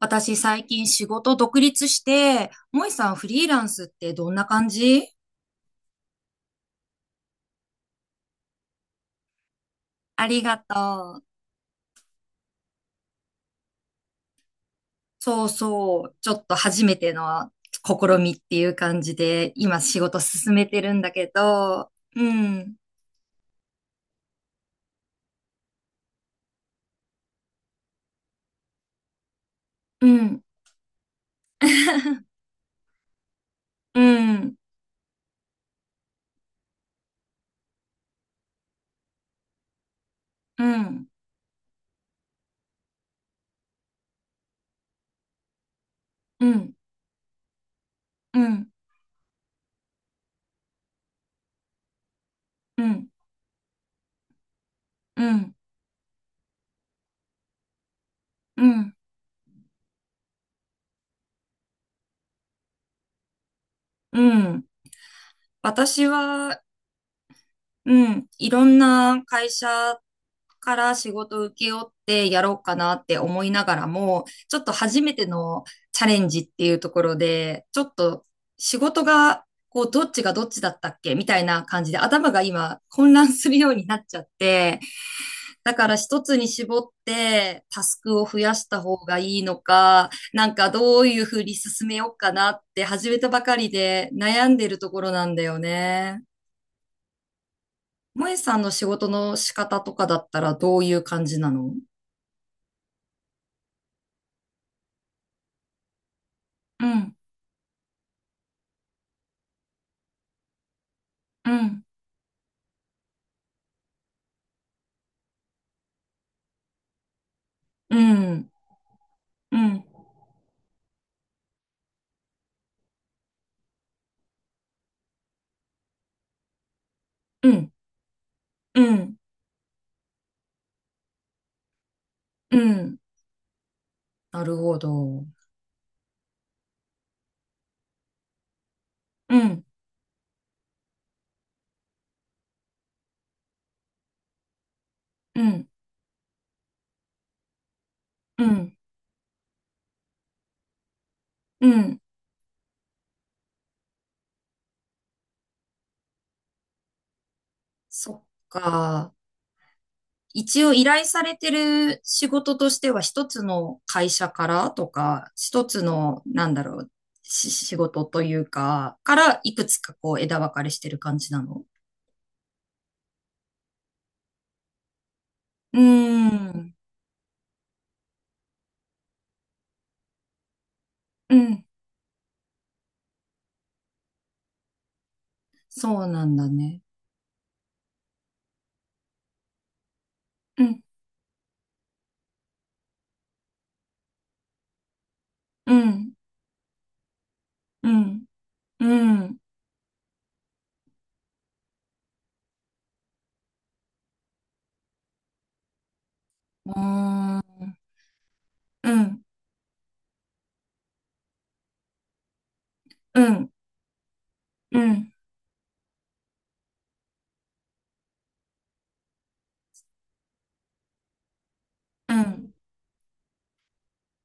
私最近仕事独立して、もいさんフリーランスってどんな感じ？ありがとう。そうそう、ちょっと初めての試みっていう感じで、今仕事進めてるんだけど、うん、うん、うん、うん、うん、うん、うん、うん、うん、うん。私は、うん。いろんな会社から仕事を請け負ってやろうかなって思いながらも、ちょっと初めてのチャレンジっていうところで、ちょっと仕事が、こう、どっちがどっちだったっけみたいな感じで、頭が今混乱するようになっちゃって、だから一つに絞ってタスクを増やした方がいいのか、どういうふうに進めようかなって始めたばかりで悩んでるところなんだよね。もえさんの仕事の仕方とかだったらどういう感じなの？うん、うん、うん、うん、うん、うん、うん。なるほど。うん、うん、うん、うん。そっか。一応依頼されてる仕事としては一つの会社からとか、一つの、なんだろう、仕事というか、からいくつかこう枝分かれしてる感じなの？うーん、うん、そうなんだね。うん、うん。うん、うん、うーん、うん、うん、うん、うん。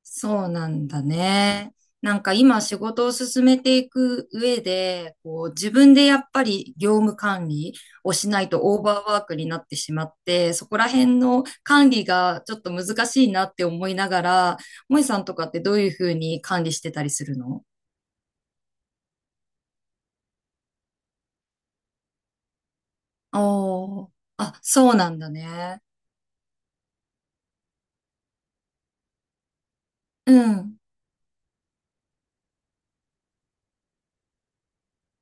そうなんだね。なんか今仕事を進めていく上で、こう自分でやっぱり業務管理をしないとオーバーワークになってしまって、そこら辺の管理がちょっと難しいなって思いながら、萌さんとかってどういうふうに管理してたりするの？おー、あ、そうなんだね。うん、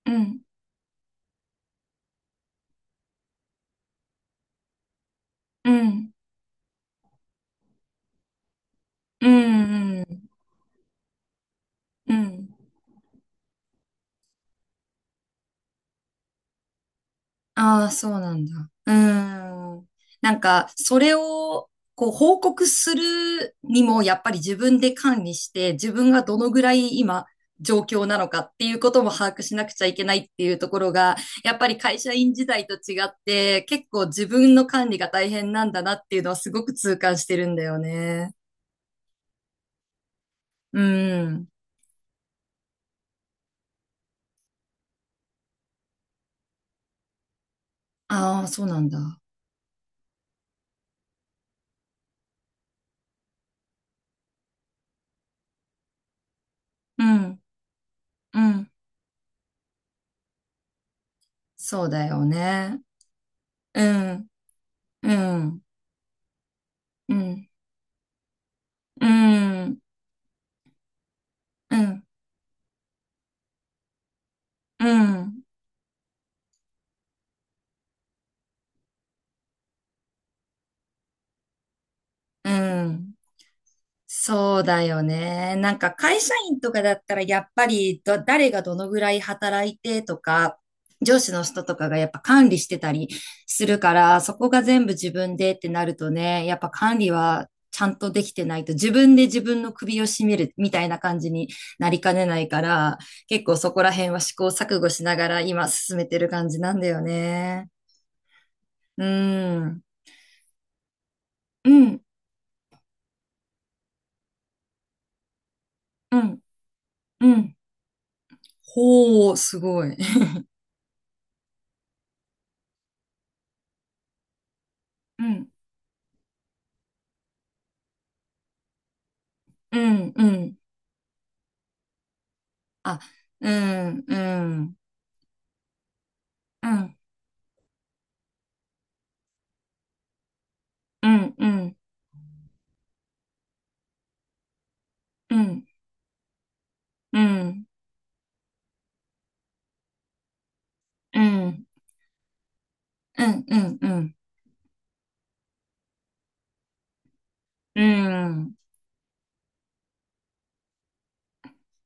うん、うん、うん、うん、うん。ああ、そうなんだ。うーん。なんか、それを、こう、報告するにも、やっぱり自分で管理して、自分がどのぐらい今、状況なのかっていうことも把握しなくちゃいけないっていうところが、やっぱり会社員時代と違って、結構自分の管理が大変なんだなっていうのはすごく痛感してるんだよね。うん。ああ、そうなんだ。うん。うん。そうだよね。うん。うん。うん。うん。うん。うん、うん。そうだよね。なんか会社員とかだったらやっぱり誰がどのぐらい働いてとか、上司の人とかがやっぱ管理してたりするから、そこが全部自分でってなるとね、やっぱ管理はちゃんとできてないと自分で自分の首を絞めるみたいな感じになりかねないから、結構そこら辺は試行錯誤しながら今進めてる感じなんだよね。うん。うん。うん。うん。ほう、すごい。うん、うん、うん。あ、うん、うん、うん、うん、うん、うん、うん、うん、うん、うん、うん、うん、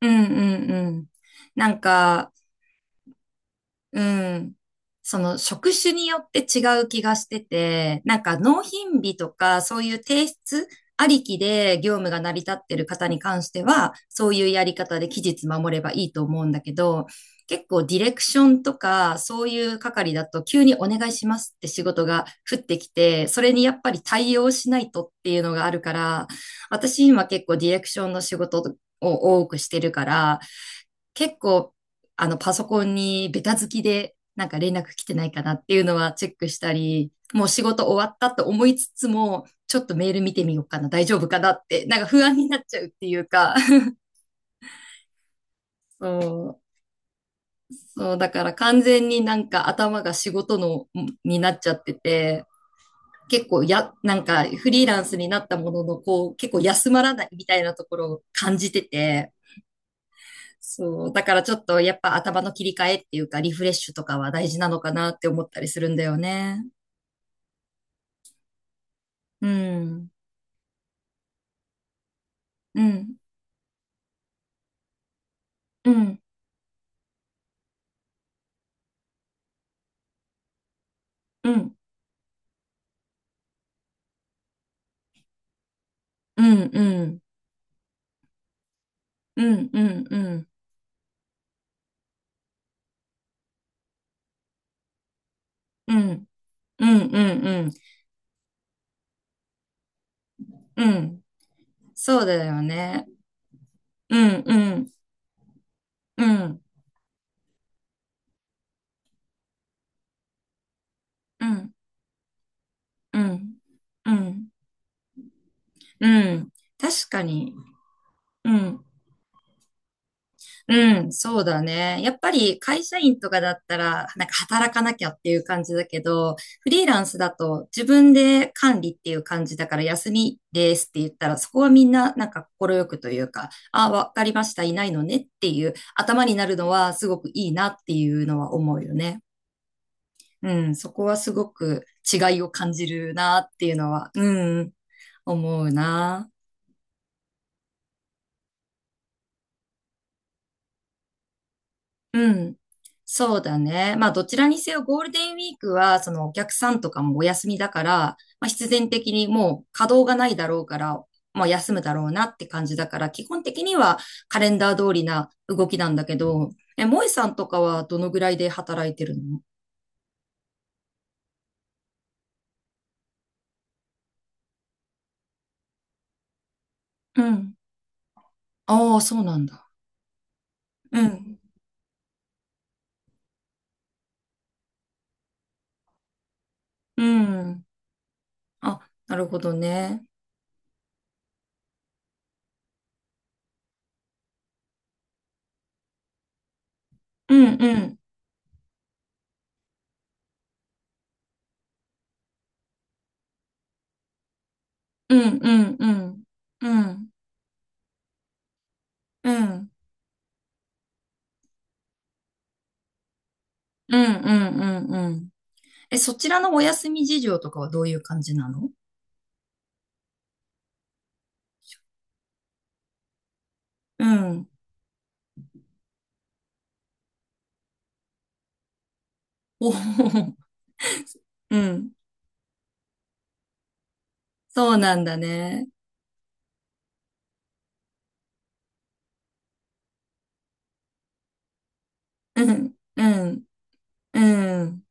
うん、うん。なんか、うん。その職種によって違う気がしてて、なんか納品日とかそういう提出ありきで業務が成り立ってる方に関しては、そういうやり方で期日守ればいいと思うんだけど、結構ディレクションとかそういう係だと急にお願いしますって仕事が降ってきて、それにやっぱり対応しないとっていうのがあるから、私今結構ディレクションの仕事を多くしてるから、結構、パソコンにベタ付きで、なんか連絡来てないかなっていうのはチェックしたり、もう仕事終わったと思いつつも、ちょっとメール見てみようかな、大丈夫かなって、なんか不安になっちゃうっていうか、そう、そう、だから完全になんか頭が仕事の、になっちゃってて、結構や、なんかフリーランスになったものの、こう、結構休まらないみたいなところを感じてて、そう。だからちょっとやっぱ頭の切り替えっていうかリフレッシュとかは大事なのかなって思ったりするんだよね。うん。うん。うん。うん。うん。うん。うん。うん。うん。うん。うん。うん。うん。うん。そうだよね。うん。うん。うん。うん。うん。うん。うん。確かに。うん。うん、そうだね。やっぱり会社員とかだったら、なんか働かなきゃっていう感じだけど、フリーランスだと自分で管理っていう感じだから休みですって言ったら、そこはみんななんか快くというか、あ、わかりました、いないのねっていう頭になるのはすごくいいなっていうのは思うよね。うん、そこはすごく違いを感じるなっていうのは、うん、思うな。うん。そうだね。まあ、どちらにせよゴールデンウィークは、そのお客さんとかもお休みだから、まあ、必然的にもう稼働がないだろうから、まあ、休むだろうなって感じだから、基本的にはカレンダー通りな動きなんだけど、え、萌えさんとかはどのぐらいで働いてるの？うん。ああ、そうなんだ。うん。うん。あ、なるほどね。うん、うん。うん、うん、うん。うん、うん。うん、うん、うん、うん。え、そちらのお休み事情とかはどういう感じなの？うん。おおうん。そうなんだね。うん、うん、うん。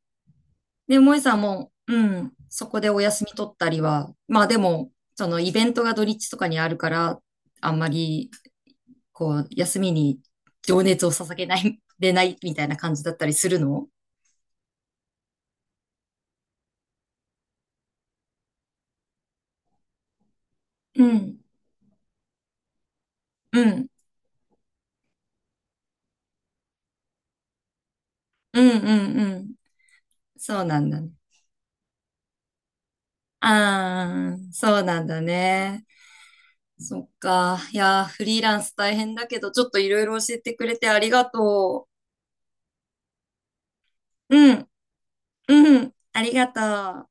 で、萌さんも、うん、そこでお休み取ったりは、まあでも、そのイベントが土日とかにあるから、あんまり、こう、休みに情熱を捧げない、でないみたいな感じだったりするの？うん、うん、うん、うん、うん。そうなんだね。ああ、そうなんだね。そっか。いやー、フリーランス大変だけど、ちょっといろいろ教えてくれてありがとう。うん、うん、ありがとう。